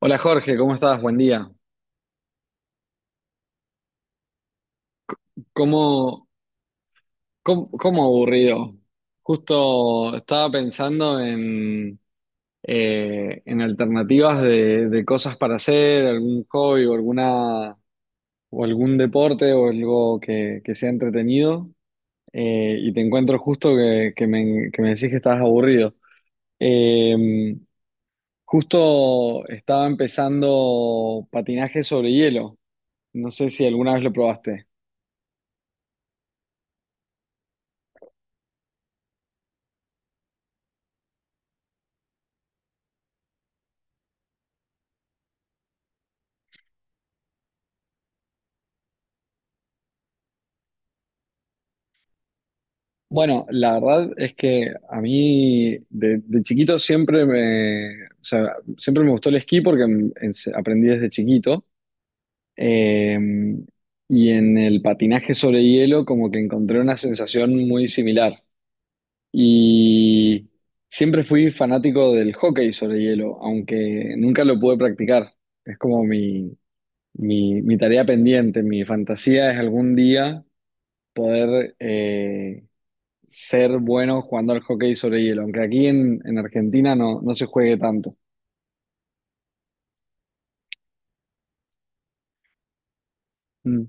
Hola Jorge, ¿cómo estás? Buen día. ¿Cómo, cómo aburrido? Justo estaba pensando en alternativas de cosas para hacer, algún hobby o, alguna, o algún deporte o algo que sea entretenido y te encuentro justo que me decís que estás aburrido. Eh, Justo estaba empezando patinaje sobre hielo. No sé si alguna vez lo probaste. Bueno, la verdad es que a mí de chiquito siempre me, o sea, siempre me gustó el esquí porque aprendí desde chiquito. Eh, y en el patinaje sobre hielo como que encontré una sensación muy similar. Y siempre fui fanático del hockey sobre hielo, aunque nunca lo pude practicar. Es como mi tarea pendiente, mi fantasía es algún día poder ser bueno jugando al hockey sobre hielo, aunque aquí en Argentina no, no se juegue tanto. Mm.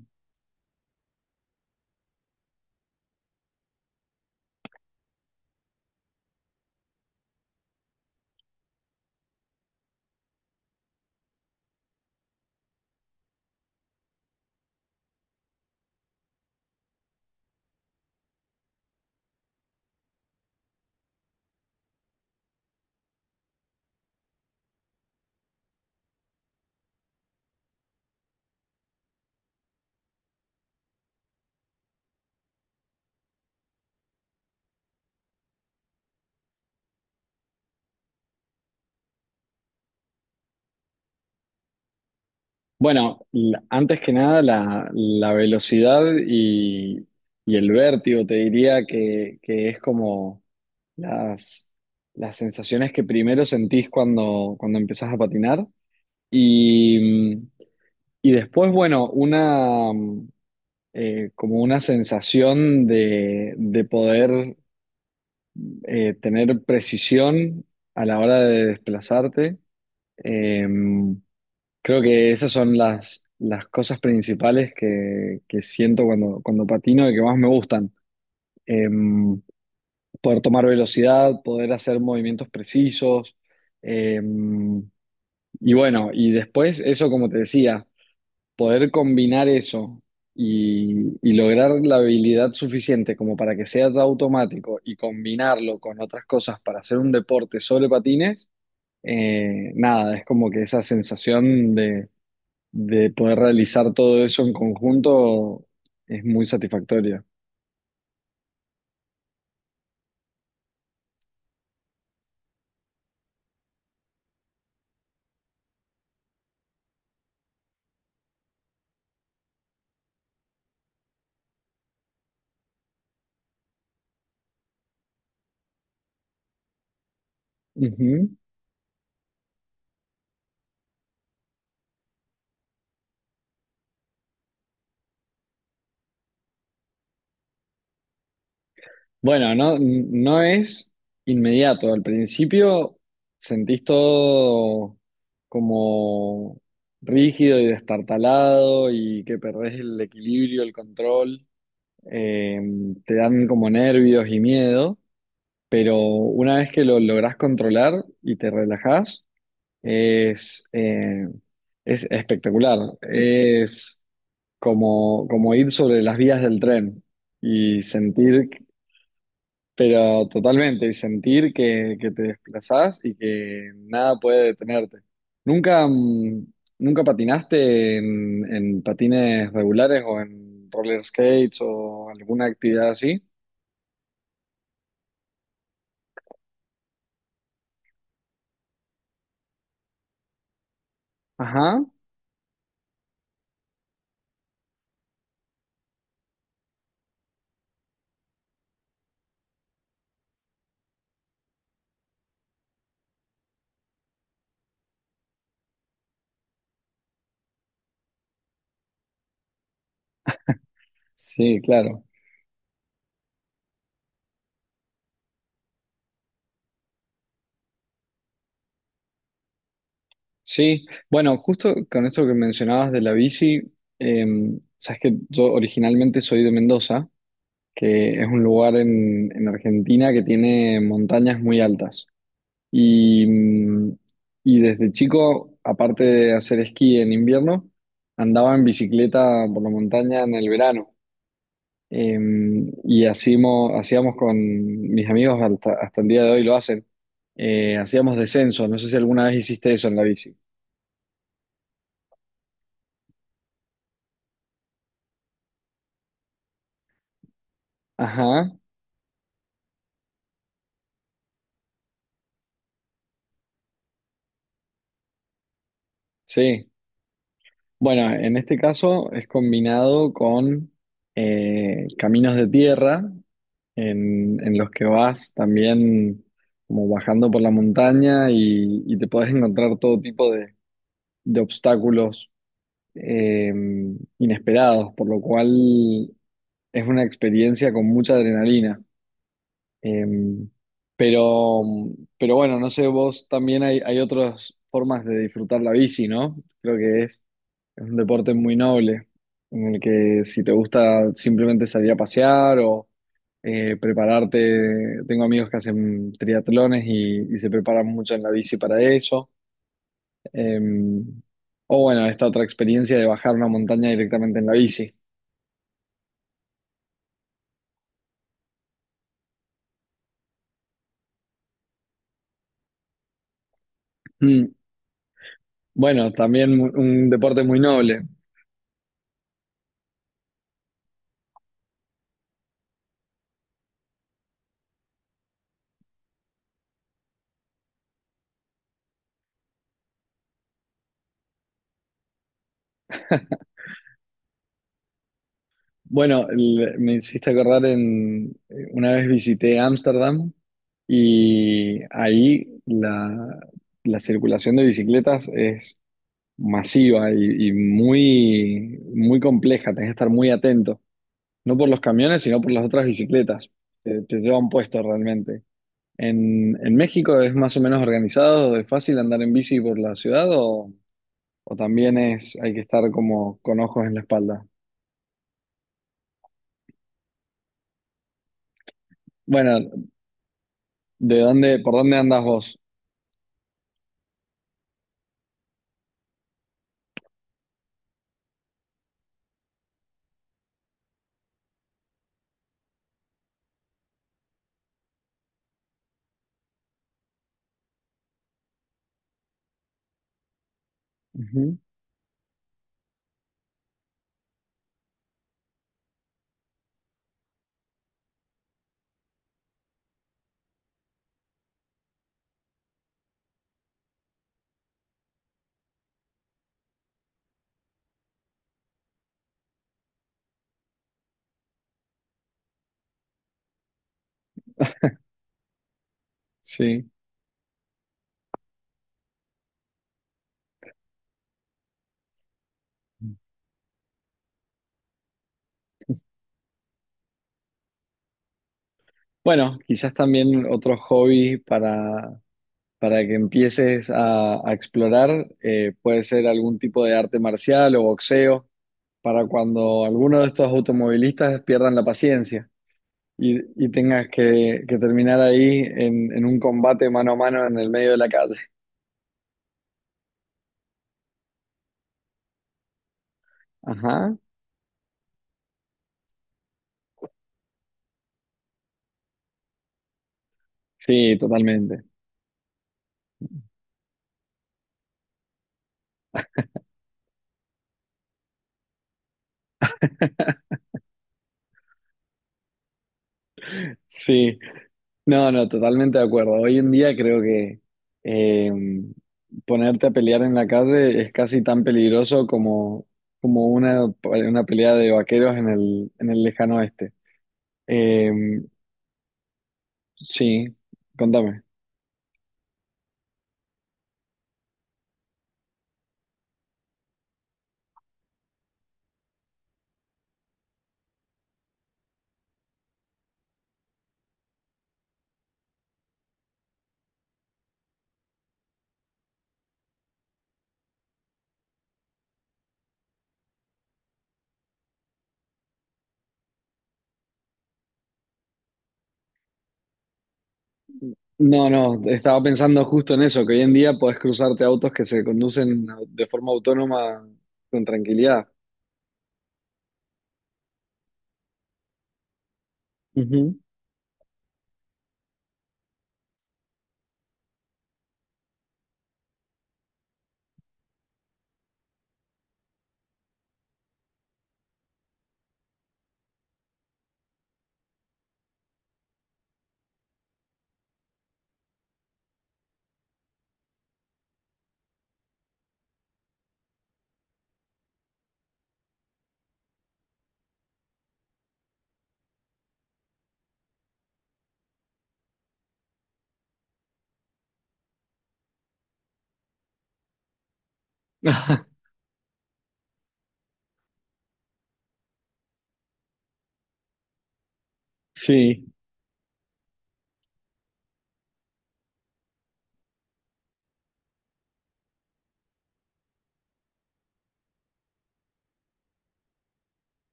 Bueno, antes que nada, la velocidad y el vértigo, te diría que es como las, las sensaciones que primero sentís cuando empezás a patinar. Y, y después, bueno, una como una sensación de poder tener precisión a la hora de desplazarte. Eh, Creo que esas son las cosas principales que siento cuando patino y que más me gustan. Eh, Poder tomar velocidad, poder hacer movimientos precisos. eh, y bueno, y después eso como te decía poder combinar eso y lograr la habilidad suficiente como para que sea ya automático y combinarlo con otras cosas para hacer un deporte sobre patines, nada, es como que esa sensación de poder realizar todo eso en conjunto es muy satisfactoria. Ujú. Bueno, no, no es inmediato. Al principio sentís todo como rígido y destartalado y que perdés el equilibrio, el control. Eh, Te dan como nervios y miedo, pero una vez que lo lográs controlar y te relajás, es, eh, es espectacular. Es como, como ir sobre las vías del tren y sentir pero totalmente, y sentir que te desplazás y que nada puede detenerte. ¿Nunca, mm, nunca patinaste en patines regulares o en roller skates o alguna actividad así? Ajá, sí, claro. Sí, bueno, justo con esto que mencionabas de la bici, sabes que yo originalmente soy de Mendoza, que es un lugar en Argentina que tiene montañas muy altas. Y y desde chico, aparte de hacer esquí en invierno, andaba en bicicleta por la montaña en el verano. Eh, y hacíamos con mis amigos, hasta el día de hoy lo hacen, hacíamos descenso. No sé si alguna vez hiciste eso en la bici. Ajá, sí. Bueno, en este caso es combinado con caminos de tierra en los que vas también como bajando por la montaña y te podés encontrar todo tipo de obstáculos eh, inesperados, por lo cual es una experiencia con mucha adrenalina. Eh, pero, pero bueno, no sé, vos también hay otras formas de disfrutar la bici, ¿no? Creo que es un deporte muy noble, en el que si te gusta simplemente salir a pasear o prepararte, tengo amigos que hacen triatlones y se preparan mucho en la bici para eso. Eh, o bueno, esta otra experiencia de bajar una montaña directamente en la bici. Mm. Bueno, también un deporte muy noble. Bueno, me hiciste acordar en una vez visité Ámsterdam y ahí la circulación de bicicletas es masiva y muy, muy compleja, tenés que estar muy atento, no por los camiones, sino por las otras bicicletas, te llevan puesto realmente. En México es más o menos organizado, es fácil andar en bici por la ciudad o también es, hay que estar como con ojos en la espalda. Bueno, ¿por dónde andas vos? Ujú, sí. Bueno, quizás también otro hobby para que empieces a explorar. Puede ser algún tipo de arte marcial o boxeo, para cuando alguno de estos automovilistas pierdan la paciencia y, y tengas que terminar ahí en un combate mano a mano en el medio de la calle. Ajá. Sí, totalmente. Sí, no, no, totalmente de acuerdo. Hoy en día creo que eh, ponerte a pelear en la calle es casi tan peligroso como, como una pelea de vaqueros en el lejano oeste. Eh, sí, contame. No, no, estaba pensando justo en eso, que hoy en día podés cruzarte autos que se conducen de forma autónoma con tranquilidad. Ujú. Sí,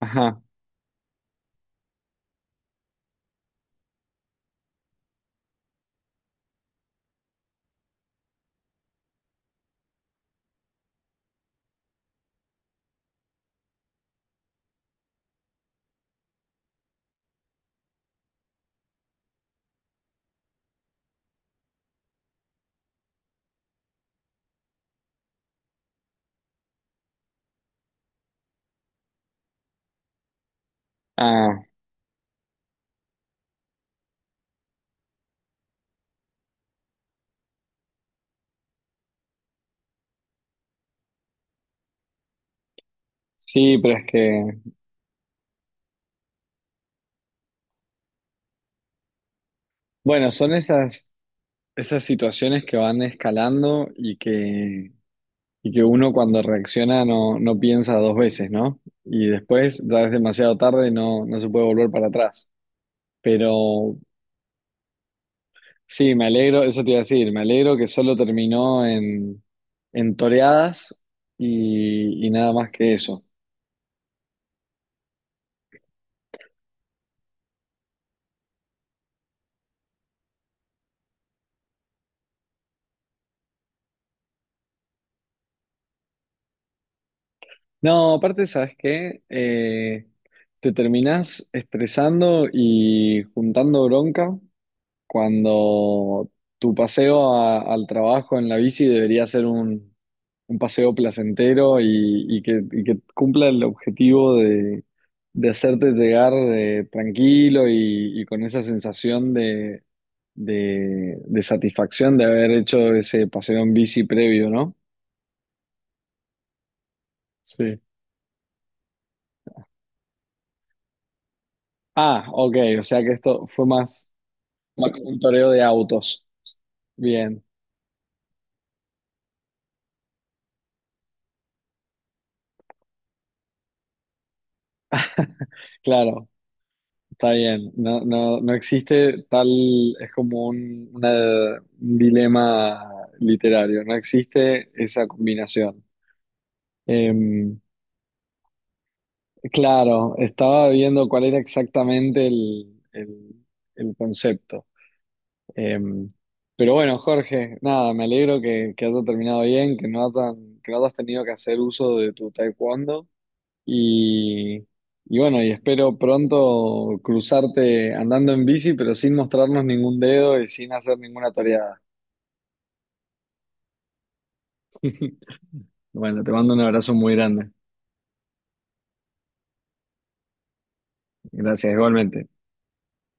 ajá. Ah, sí, pero es que, bueno, son esas, esas situaciones que van escalando y que uno cuando reacciona no, no piensa dos veces, ¿no? Y después ya es demasiado tarde y no, no se puede volver para atrás. Pero sí, me alegro, eso te iba a decir, me alegro que solo terminó en toreadas y nada más que eso. No, aparte, ¿sabes qué? Te terminás estresando y juntando bronca cuando tu paseo al trabajo en la bici debería ser un paseo placentero y que cumpla el objetivo de hacerte llegar tranquilo y con esa sensación de satisfacción de haber hecho ese paseo en bici previo, ¿no? Sí. Ah, ok, o sea que esto fue más, más como un toreo de autos. Bien, claro. Está bien, no, no, no existe tal, es como un dilema literario, no existe esa combinación. Em, claro, estaba viendo cuál era exactamente el concepto. Em, pero bueno, Jorge, nada, me alegro que haya terminado bien, que no, tan, que no has tenido que hacer uso de tu taekwondo. Y, y bueno, y espero pronto cruzarte andando en bici, pero sin mostrarnos ningún dedo y sin hacer ninguna toreada. Bueno, te mando un abrazo muy grande. Gracias, igualmente.